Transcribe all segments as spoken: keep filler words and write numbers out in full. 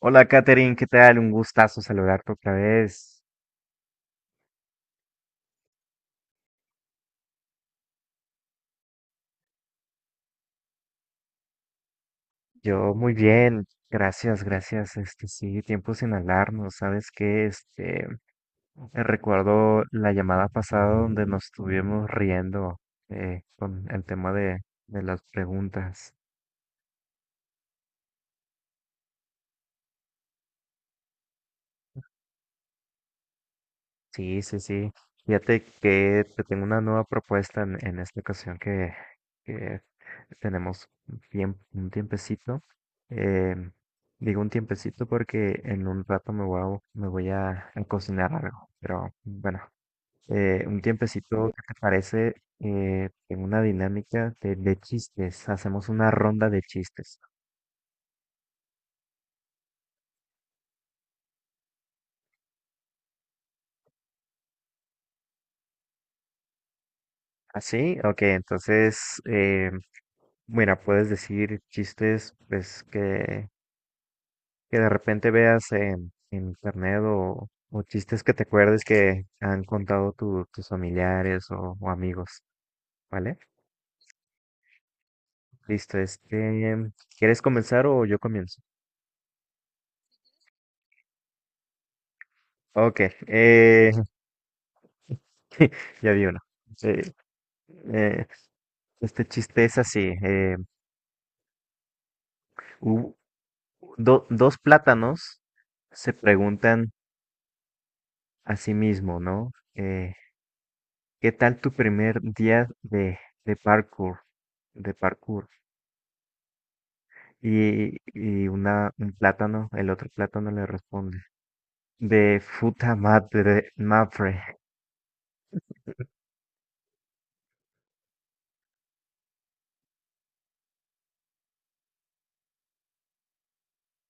Hola, Katherine, ¿qué tal? Un gustazo saludarte otra vez. Yo muy bien, gracias, gracias. Este sí, tiempo sin hablarnos, ¿sabes qué? Este, recuerdo la llamada pasada donde nos estuvimos riendo eh, con el tema de, de las preguntas. Sí, sí, sí. Fíjate que te tengo una nueva propuesta en, en esta ocasión que, que tenemos bien, un tiempecito. Eh, Digo un tiempecito porque en un rato me voy a, me voy a, a cocinar algo. Pero bueno, eh, un tiempecito, ¿qué te parece? Eh, en una dinámica de, de chistes. Hacemos una ronda de chistes. ¿Así? Ok, entonces, eh, bueno, puedes decir chistes, pues que que de repente veas en, en internet o, o chistes que te acuerdes que han contado tu- tus familiares o, o amigos, ¿vale? Listo, este, ¿quieres comenzar o yo comienzo? Ok, eh, ya vi uno. Eh, eh, este chiste es así. eh, hu- do- Dos plátanos se preguntan a sí mismo, ¿no? Eh, ¿qué tal tu primer día de, de parkour? De parkour. Y, y una, un plátano, el otro plátano le responde, de futa madre, mapre.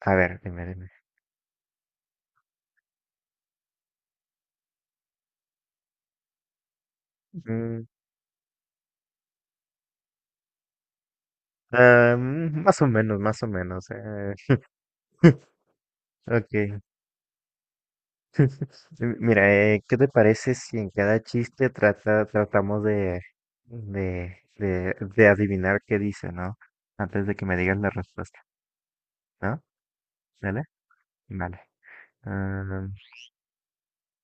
A ver, dime, dime. Mm, ah, mm, Más o menos, más o menos. eh. Ok. M- Mira, eh, ¿qué te parece si en cada chiste trata, tratamos de, de, de, de adivinar qué dice, ¿no? Antes de que me digas la respuesta, ¿no? ¿Vale? Vale. Ah,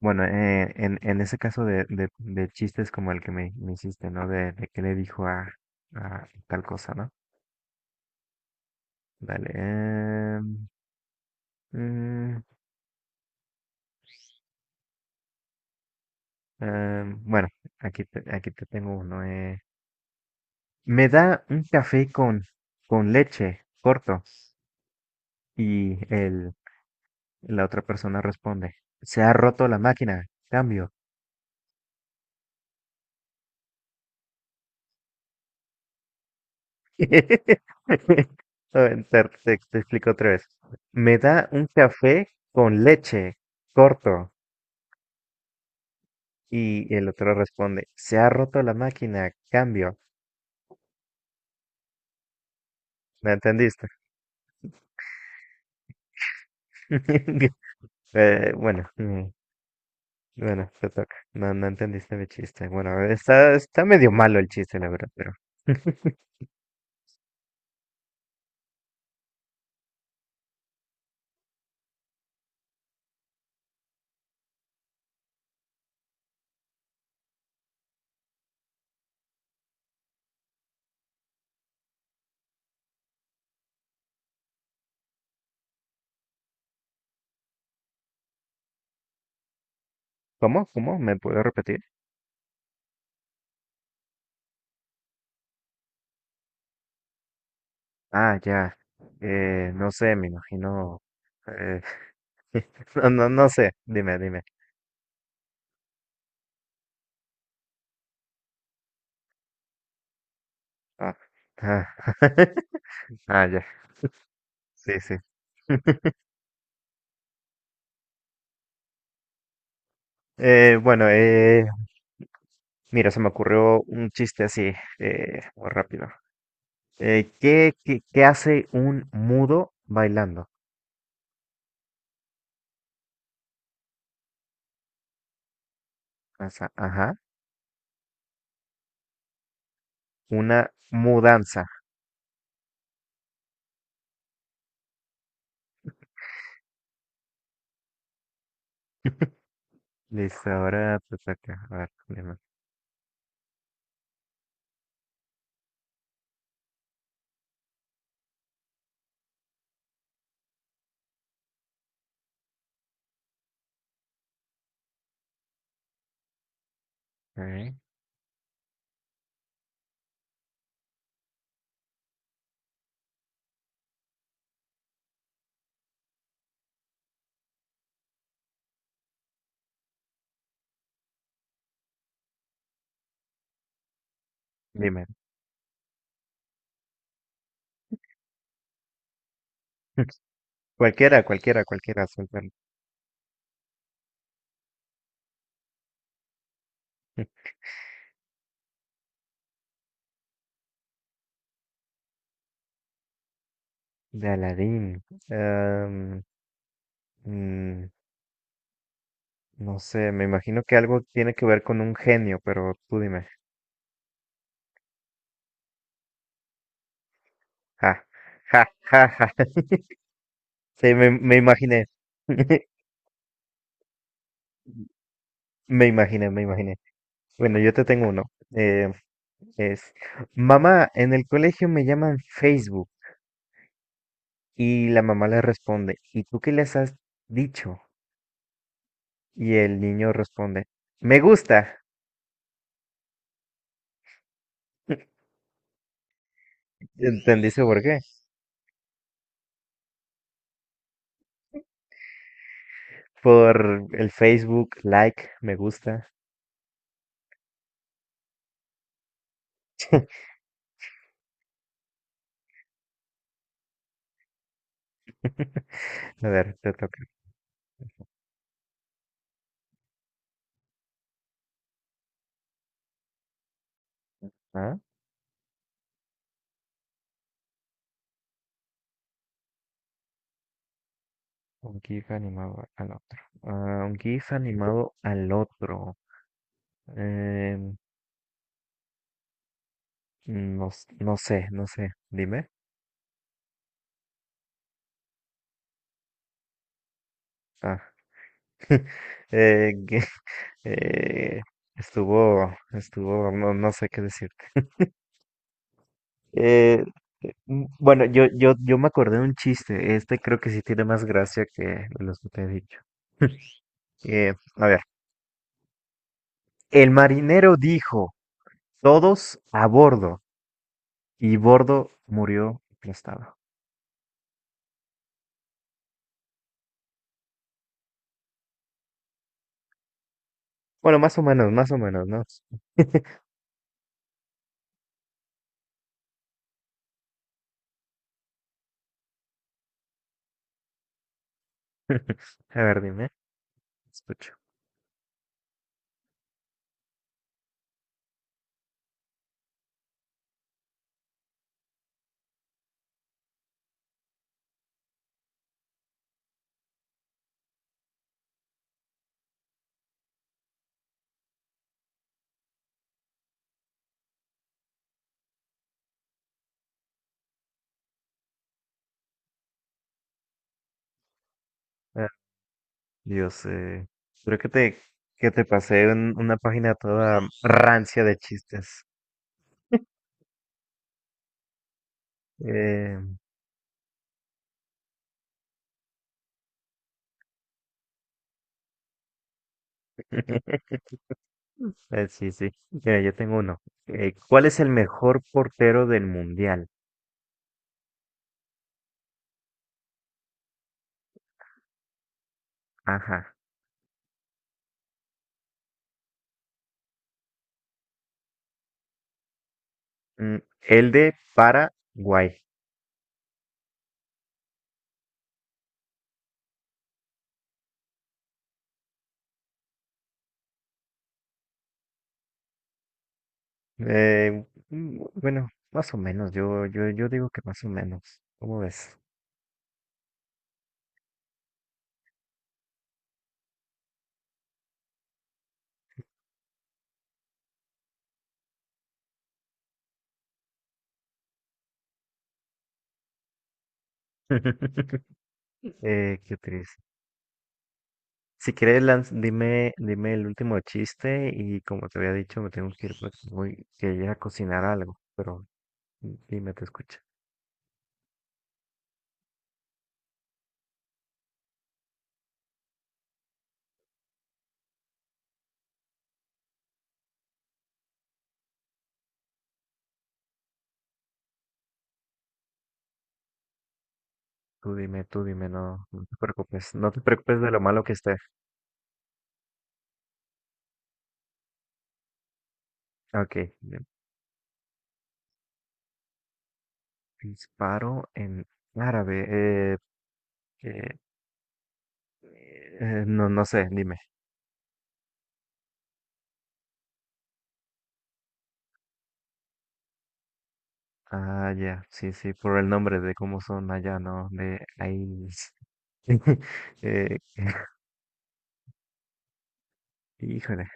Bueno, eh, en, en ese caso de, de, de chistes como el que me, me hiciste, ¿no? De, de que le dijo a, a tal cosa, ¿no? Dale. em, mm, em, bueno, aquí te, aquí te tengo uno. eh. Me da un café con, con leche, corto. Y el, la otra persona responde, se ha roto la máquina, cambio. A ver, Te, te te explico otra vez. Me da un café con leche, corto. Y el otro responde, se ha roto la máquina, cambio. ¿Me entendiste? Eh, bueno, mm, bueno, te toca. No, no entendiste mi chiste. Bueno, está, está medio malo el chiste, la verdad, pero. ¿Cómo? ¿Cómo? ¿Me puedo repetir? Ah, ya. Eh, no sé, me imagino. eh, no, no, no sé. Dime, dime. Ah, ah. Ah, ya. Sí, sí. Eh, bueno, eh, Mira, se me ocurrió un chiste así, eh, muy rápido. Eh, ¿qué, qué, ¿qué hace un mudo bailando? Asa- ajá, una mudanza. Listo, ahora te toca. A ver, dime. Ok. Dime. Cualquiera, cualquiera, cualquiera, suéltalo. De Aladín. Am, mm, no sé, me imagino que algo tiene que ver con un genio, pero tú dime. Ja, ja, ja, ja, sí, me, me imaginé. Me imaginé, me imaginé. Bueno, yo te tengo uno. Eh, es, Mamá, en el colegio me llaman Facebook. Y la mamá le responde, ¿y tú qué les has dicho? Y el niño responde, me gusta. ¿Entendiste por qué? Por el Facebook, like, me gusta. A ver, te toca. Ah, un GIF animado al otro. Ah, un GIF animado al otro. mm, No, s- no sé, no sé. Dime. Ah, eh, que- eh, estuvo, estuvo, no, no sé qué decirte. Eh, eh, mm, bueno, yo, yo, yo me acordé de un chiste. Este creo que sí tiene más gracia que los que te he dicho. Eh, a ver, el marinero dijo, todos a bordo, y bordo murió aplastado. Bueno, más o menos, más o menos, ¿no? A ver, dime, escucho. Yo sé. Creo que te, que te pasé un- una página toda rancia de chistes. Eh, eh, sí, sí. Mira, yo tengo uno. Eh, ¿cuál es el mejor portero del mundial? Ajá. Mm, el de Paraguay. Eh, mm, bueno, más o menos. Yo, yo, yo digo que más o menos. ¿Cómo ves? Eh, qué triste. Si quieres, lanz- dime, dime el último chiste y como te había dicho, me tengo que ir porque voy que ir a cocinar algo, pero dime, te escucha. Tú dime, tú dime, no, no te preocupes, no te preocupes de lo malo que esté. Ok, eh, disparo en árabe, eh, eh, eh, no, no sé, dime. Ah, ya, sí, sí, por el nombre de cómo son allá, ¿no? De ahí. eh, híjole.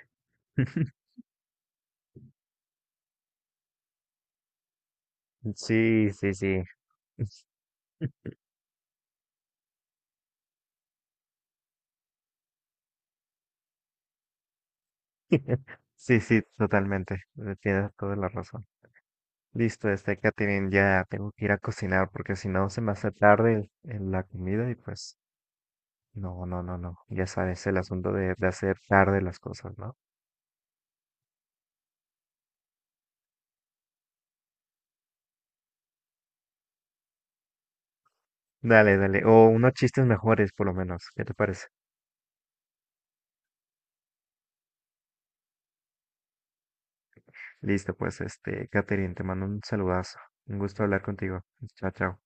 Sí, sí, sí. Sí, sí, totalmente. eh, Tienes toda la razón. Listo, este Katherine, ya tengo que ir a cocinar porque si no se me hace tarde el- el- la comida y pues no, no, no, no. Ya sabes, el asunto de, de hacer tarde las cosas, ¿no? Dale, dale. O unos chistes mejores por lo menos. ¿Qué te parece? Listo, pues este Katherine, te mando un saludazo. Un gusto hablar contigo. Chao, chao.